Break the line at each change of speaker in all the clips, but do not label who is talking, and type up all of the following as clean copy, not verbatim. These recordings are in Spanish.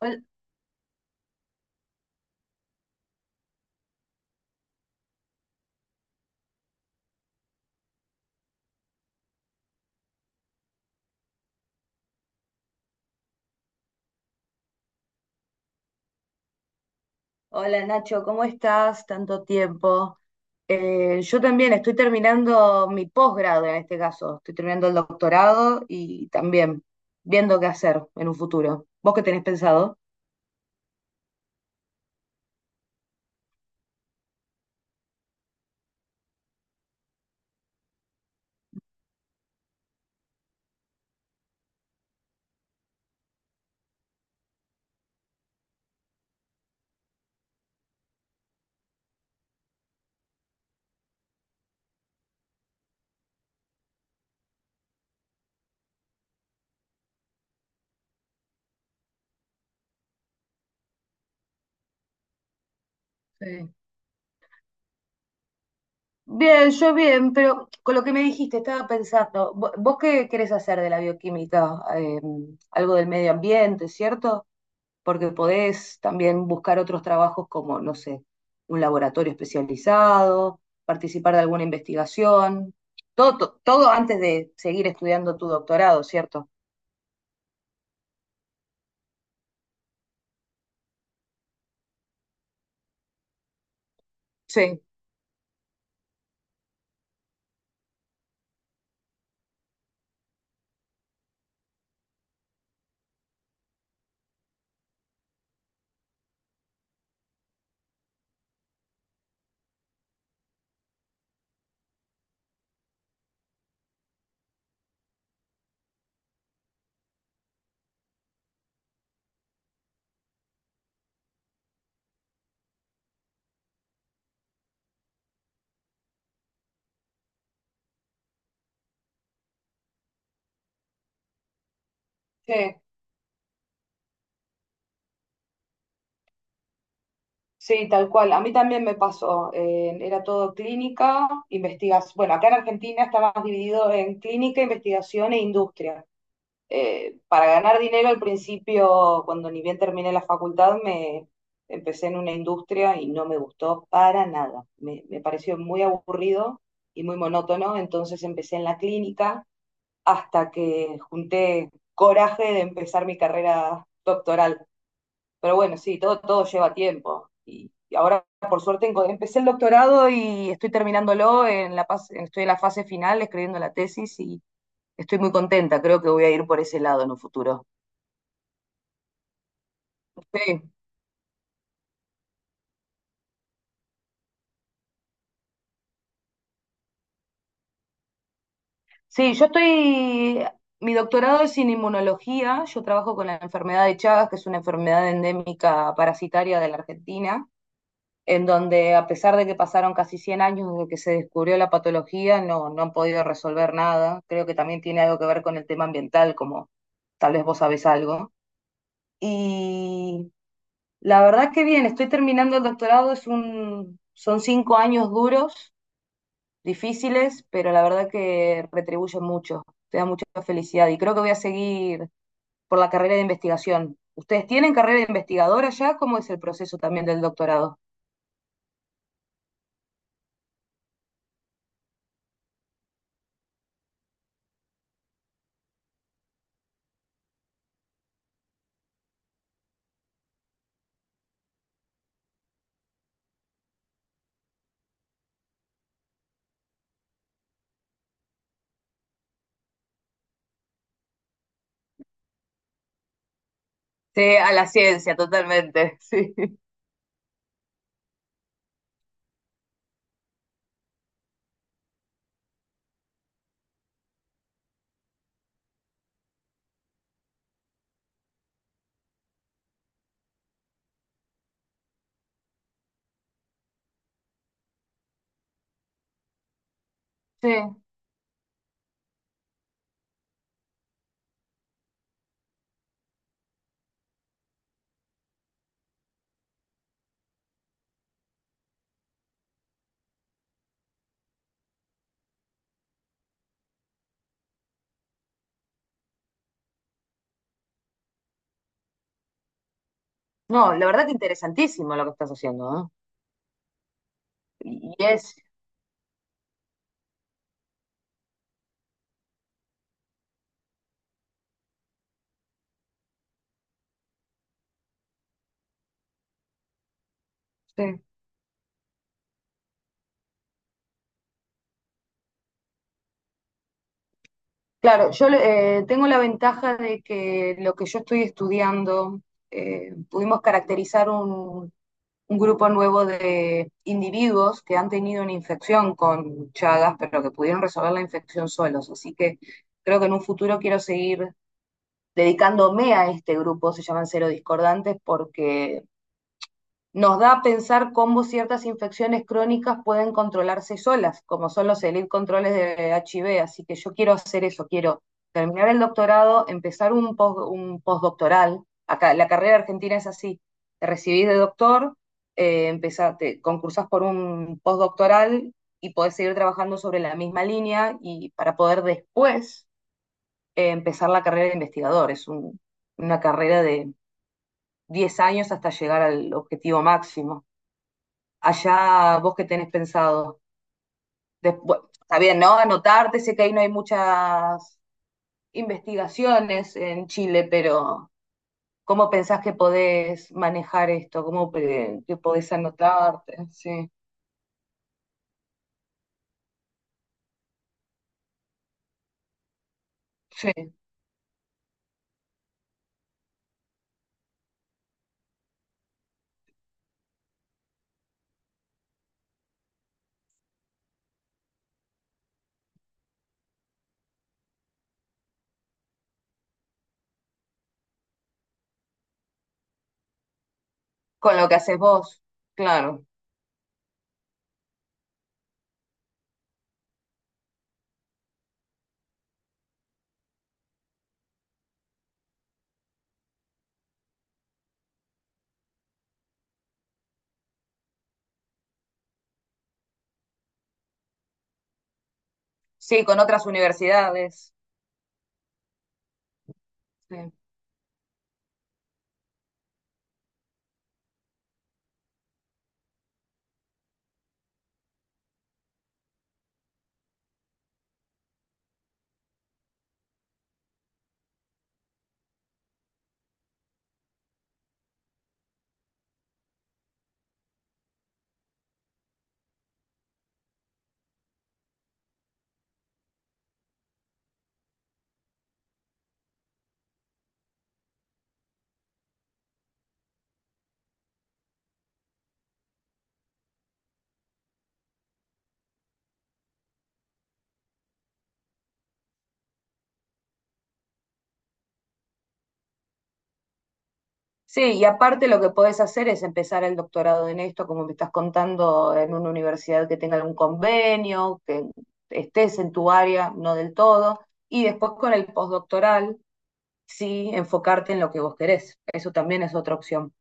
Hol- Hola Nacho, ¿cómo estás? Tanto tiempo. Yo también estoy terminando mi posgrado. En este caso, estoy terminando el doctorado y también viendo qué hacer en un futuro. ¿Vos qué tenés pensado? Sí. Bien, yo bien, pero con lo que me dijiste estaba pensando, ¿vos qué querés hacer de la bioquímica? Algo del medio ambiente, ¿cierto? Porque podés también buscar otros trabajos como, no sé, un laboratorio especializado, participar de alguna investigación, todo, todo antes de seguir estudiando tu doctorado, ¿cierto? Sí. Sí, sí, tal cual. A mí también me pasó. Era todo clínica, investigación. Bueno, acá en Argentina está más dividido en clínica, investigación e industria. Para ganar dinero al principio, cuando ni bien terminé la facultad, me empecé en una industria y no me gustó para nada. Me pareció muy aburrido y muy monótono, entonces empecé en la clínica hasta que junté coraje de empezar mi carrera doctoral. Pero bueno, sí, todo, todo lleva tiempo. Y ahora, por suerte, empecé el doctorado y estoy terminándolo, en la, estoy en la fase final escribiendo la tesis y estoy muy contenta. Creo que voy a ir por ese lado en un futuro. Sí, sí, yo estoy, mi doctorado es en inmunología. Yo trabajo con la enfermedad de Chagas, que es una enfermedad endémica parasitaria de la Argentina, en donde a pesar de que pasaron casi 100 años desde que se descubrió la patología, no han podido resolver nada. Creo que también tiene algo que ver con el tema ambiental, como tal vez vos sabés algo. Y la verdad que bien, estoy terminando el doctorado, es un, son 5 años duros, difíciles, pero la verdad que retribuyen mucho, te da mucha felicidad y creo que voy a seguir por la carrera de investigación. ¿Ustedes tienen carrera de investigadora ya? ¿Cómo es el proceso también del doctorado? Sí, a la ciencia, totalmente, sí. Sí, no, la verdad que interesantísimo lo que estás haciendo, ¿no? Y es... Sí. Claro, yo tengo la ventaja de que lo que yo estoy estudiando, pudimos caracterizar un grupo nuevo de individuos que han tenido una infección con Chagas, pero que pudieron resolver la infección solos. Así que creo que en un futuro quiero seguir dedicándome a este grupo, se llaman Cero Discordantes, porque nos da a pensar cómo ciertas infecciones crónicas pueden controlarse solas, como son los elite controles de HIV. Así que yo quiero hacer eso, quiero terminar el doctorado, empezar un, post, un postdoctoral. Acá, la carrera argentina es así, te recibís de doctor, empezás, te concursás por un postdoctoral y podés seguir trabajando sobre la misma línea y para poder después empezar la carrera de investigador. Es un, una carrera de 10 años hasta llegar al objetivo máximo. Allá vos qué tenés pensado. Después, está bien, ¿no? Anotarte, sé que ahí no hay muchas investigaciones en Chile, pero ¿cómo pensás que podés manejar esto? ¿Cómo que podés anotarte? Sí, sí, con lo que haces vos, claro. Sí, con otras universidades. Sí. Sí, y aparte lo que podés hacer es empezar el doctorado en esto, como me estás contando, en una universidad que tenga algún convenio, que estés en tu área, no del todo, y después con el postdoctoral, sí, enfocarte en lo que vos querés. Eso también es otra opción.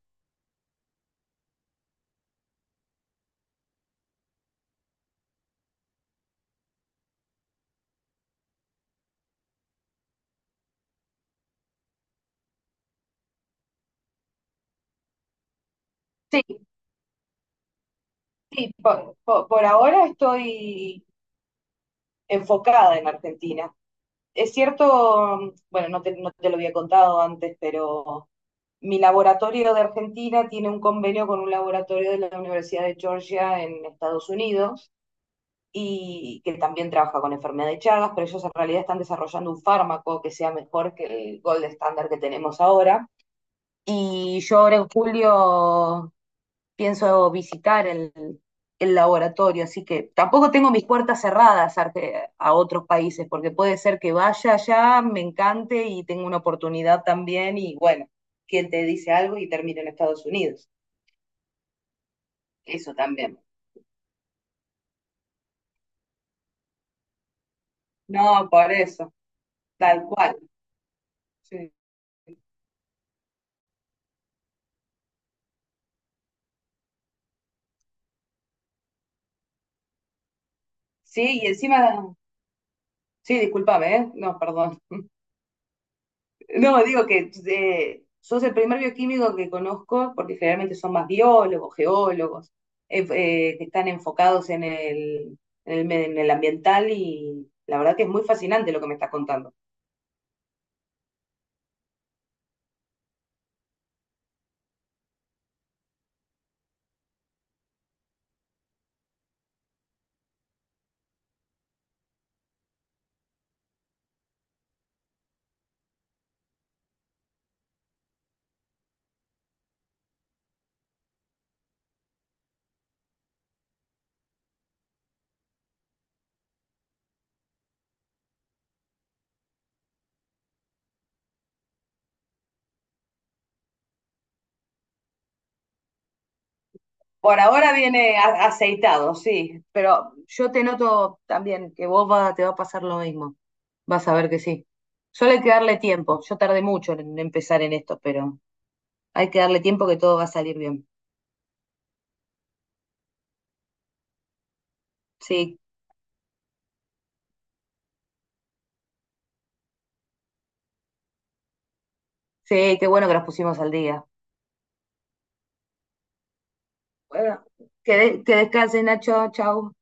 Sí, por, por ahora estoy enfocada en Argentina. Es cierto, bueno, no te lo había contado antes, pero mi laboratorio de Argentina tiene un convenio con un laboratorio de la Universidad de Georgia en Estados Unidos y que también trabaja con enfermedad de Chagas, pero ellos en realidad están desarrollando un fármaco que sea mejor que el gold estándar que tenemos ahora. Y yo ahora en julio pienso visitar el laboratorio, así que tampoco tengo mis puertas cerradas a otros países, porque puede ser que vaya allá, me encante y tenga una oportunidad también, y bueno, quien te dice algo y termina en Estados Unidos, eso también. No, por eso, tal cual. Sí, sí y encima, sí, discúlpame, ¿eh? No, perdón. No, digo que sos el primer bioquímico que conozco, porque generalmente son más biólogos, geólogos, que están enfocados en el, en el ambiental y la verdad que es muy fascinante lo que me estás contando. Por ahora viene aceitado, sí, pero yo te noto también que vos te va a pasar lo mismo, vas a ver que sí. Solo hay que darle tiempo, yo tardé mucho en empezar en esto, pero hay que darle tiempo que todo va a salir bien. Sí, sí, qué bueno que nos pusimos al día. Bueno, que, que descanse, Nacho. Chao.